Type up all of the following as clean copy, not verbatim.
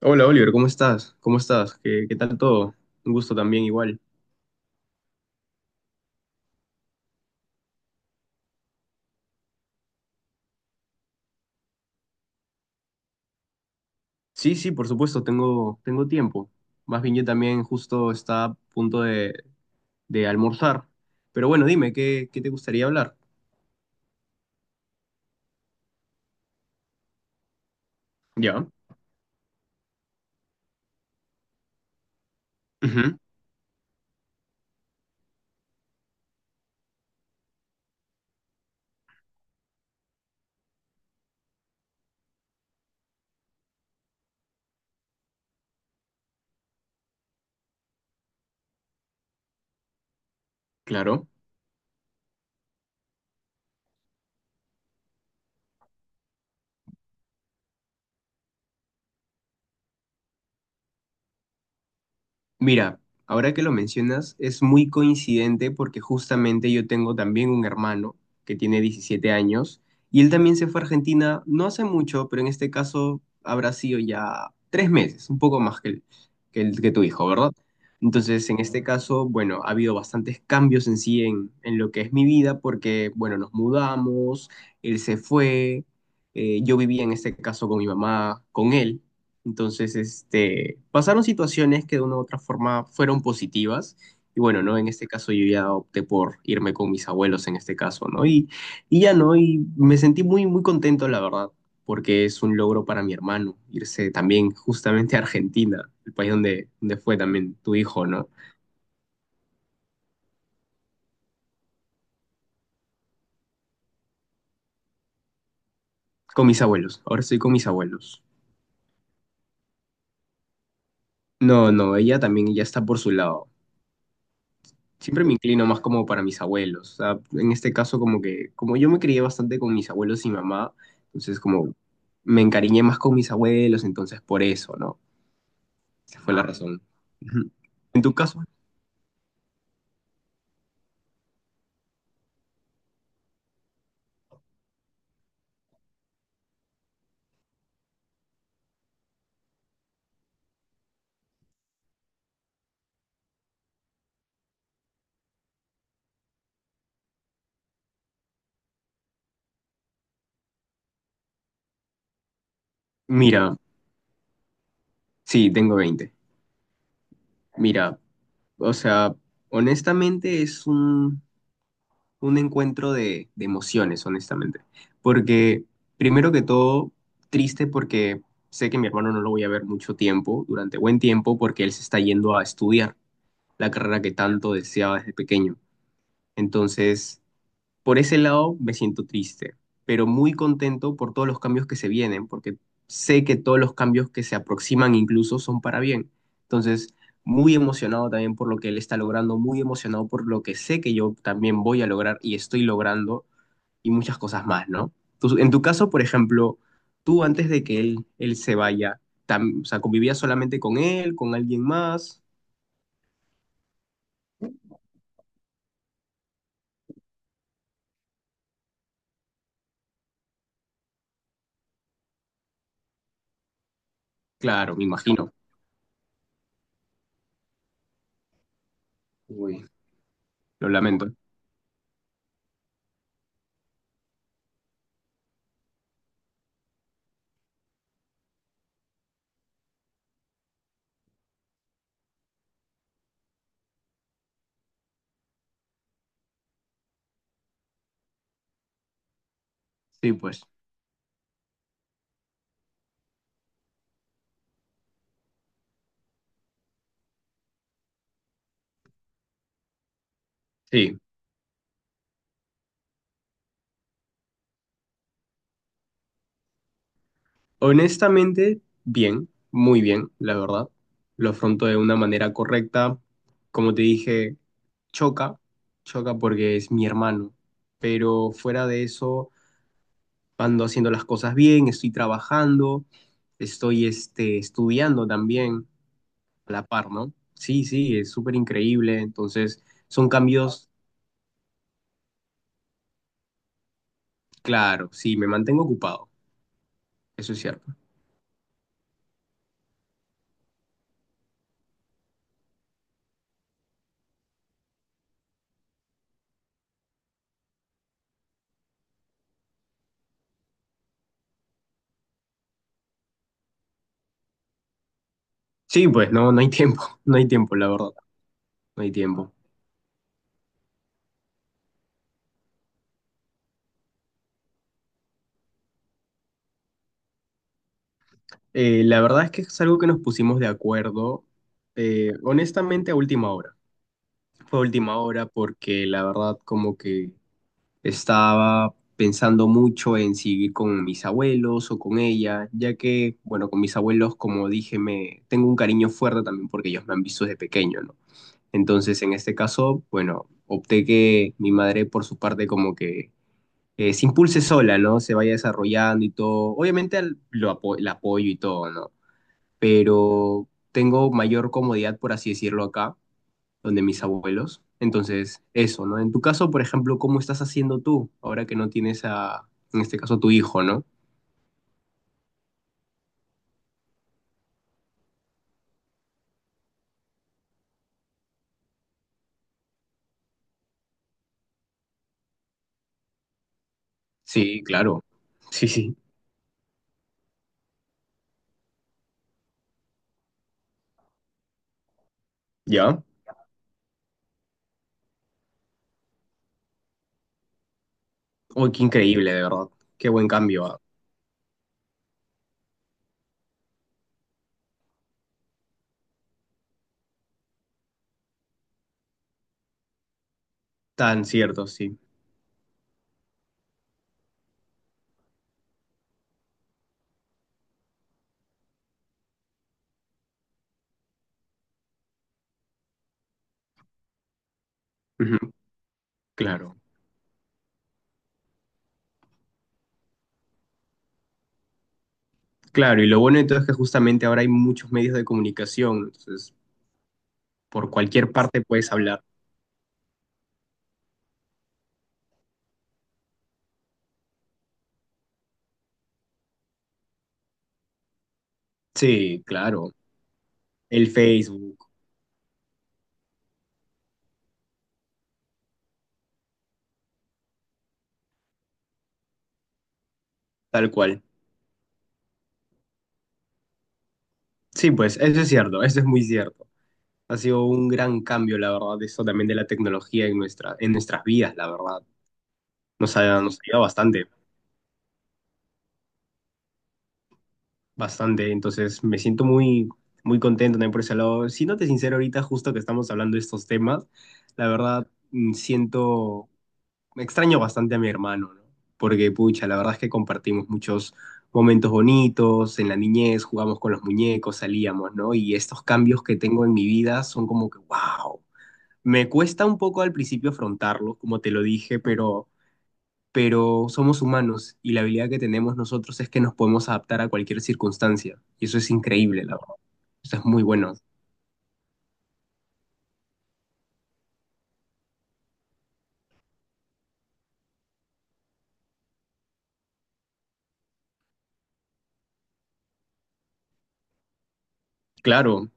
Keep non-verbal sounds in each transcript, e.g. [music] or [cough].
Hola Oliver, ¿cómo estás? ¿Cómo estás? ¿Qué tal todo? Un gusto también igual. Sí, sí, por supuesto, tengo tiempo. Más bien yo también justo está a punto de almorzar. Pero bueno, dime, ¿qué te gustaría hablar? Ya. Ujú. Claro. Mira, ahora que lo mencionas, es muy coincidente porque justamente yo tengo también un hermano que tiene 17 años y él también se fue a Argentina no hace mucho, pero en este caso habrá sido ya 3 meses, un poco más que, que tu hijo, ¿verdad? Entonces, en este caso, bueno, ha habido bastantes cambios en sí en lo que es mi vida porque, bueno, nos mudamos, él se fue, yo vivía en este caso con mi mamá, con él. Entonces, este, pasaron situaciones que de una u otra forma fueron positivas. Y bueno, ¿no? En este caso yo ya opté por irme con mis abuelos en este caso, ¿no? Y ya, ¿no? Y me sentí muy, muy contento, la verdad, porque es un logro para mi hermano irse también justamente a Argentina, el país donde, donde fue también tu hijo, ¿no? Con mis abuelos. Ahora estoy con mis abuelos. No, no, ella también ya está por su lado. Siempre me inclino más como para mis abuelos. O sea, en este caso, como que, como yo me crié bastante con mis abuelos y mamá, entonces como me encariñé más con mis abuelos, entonces por eso, ¿no? Esa fue la Ah, razón. Ujú. En tu caso, mira, sí, tengo 20. Mira, o sea, honestamente es un encuentro de emociones, honestamente. Porque, primero que todo, triste porque sé que mi hermano no lo voy a ver mucho tiempo, durante buen tiempo, porque él se está yendo a estudiar la carrera que tanto deseaba desde pequeño. Entonces, por ese lado me siento triste, pero muy contento por todos los cambios que se vienen, porque sé que todos los cambios que se aproximan incluso son para bien. Entonces, muy emocionado también por lo que él está logrando, muy emocionado por lo que sé que yo también voy a lograr y estoy logrando y muchas cosas más, ¿no? En tu caso, por ejemplo, tú antes de que él se vaya, o sea, ¿convivías solamente con él, con alguien más? Claro, me imagino. Uy. Lo lamento. Sí, pues. Sí. Honestamente, bien, muy bien, la verdad. Lo afronto de una manera correcta. Como te dije, choca, choca porque es mi hermano. Pero fuera de eso, ando haciendo las cosas bien, estoy trabajando, estoy este, estudiando también a la par, ¿no? Sí, sí, es súper increíble. Entonces, son cambios, claro, sí, me mantengo ocupado, eso es cierto. Sí, pues no, no hay tiempo, [laughs] no hay tiempo, la verdad. No hay tiempo. La verdad es que es algo que nos pusimos de acuerdo, honestamente, a última hora. Fue a última hora porque la verdad como que estaba pensando mucho en si ir con mis abuelos o con ella, ya que, bueno, con mis abuelos, como dije, me tengo un cariño fuerte también porque ellos me han visto desde pequeño, ¿no? Entonces, en este caso, bueno, opté que mi madre, por su parte, como que se impulse sola, ¿no? Se vaya desarrollando y todo. Obviamente lo la apoyo y todo, ¿no? Pero tengo mayor comodidad, por así decirlo, acá, donde mis abuelos. Entonces, eso, ¿no? En tu caso, por ejemplo, ¿cómo estás haciendo tú ahora que no tienes a, en este caso, tu hijo, ¿no? Sí, claro. Sí, sí. ¿Ya? Uy, qué increíble, de verdad. Qué buen cambio. Ah. Tan cierto, sí. Ujú. Claro. Claro, y lo bueno entonces es que justamente ahora hay muchos medios de comunicación, entonces por cualquier parte puedes hablar. Sí, claro. El Facebook, tal cual. Sí, pues eso es cierto, eso es muy cierto. Ha sido un gran cambio, la verdad, eso también de la tecnología en nuestra, en nuestras vidas, la verdad. Nos ha ayudado bastante, bastante. Entonces, me siento muy, muy contento también por ese lado. Siéndote sincero, ahorita justo que estamos hablando de estos temas, la verdad, siento, me extraño bastante a mi hermano, ¿no? Porque, pucha, la verdad es que compartimos muchos momentos bonitos, en la niñez jugamos con los muñecos, salíamos, ¿no? Y estos cambios que tengo en mi vida son como que, wow. Me cuesta un poco al principio afrontarlo, como te lo dije, pero somos humanos y la habilidad que tenemos nosotros es que nos podemos adaptar a cualquier circunstancia. Y eso es increíble, la verdad. Eso es muy bueno. Claro,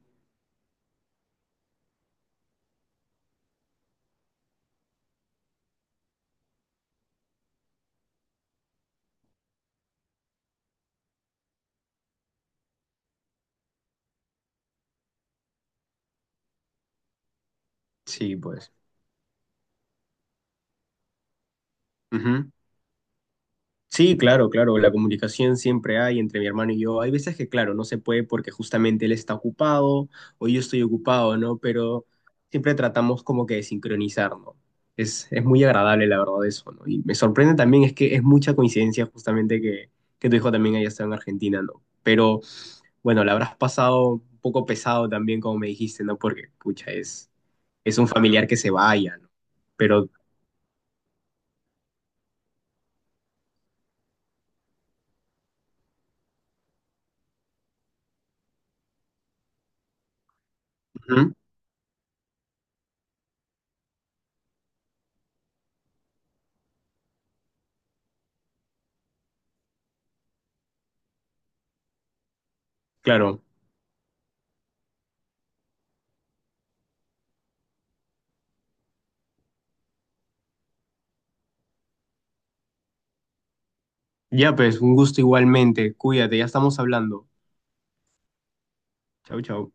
sí, pues. Ujú. Sí, claro, claro, la comunicación siempre hay entre mi hermano y yo. Hay veces que, claro, no se puede porque justamente él está ocupado o yo estoy ocupado, ¿no? Pero siempre tratamos como que de sincronizar, ¿no? Es muy agradable, la verdad, eso, ¿no? Y me sorprende también es que es mucha coincidencia justamente que tu hijo también haya estado en Argentina, ¿no? Pero bueno, la habrás pasado un poco pesado también, como me dijiste, ¿no? Porque, pucha, es, un familiar que se vaya, ¿no? Pero, ujú, claro. Ya pues, un gusto igualmente. Cuídate, ya estamos hablando. Chau, chau.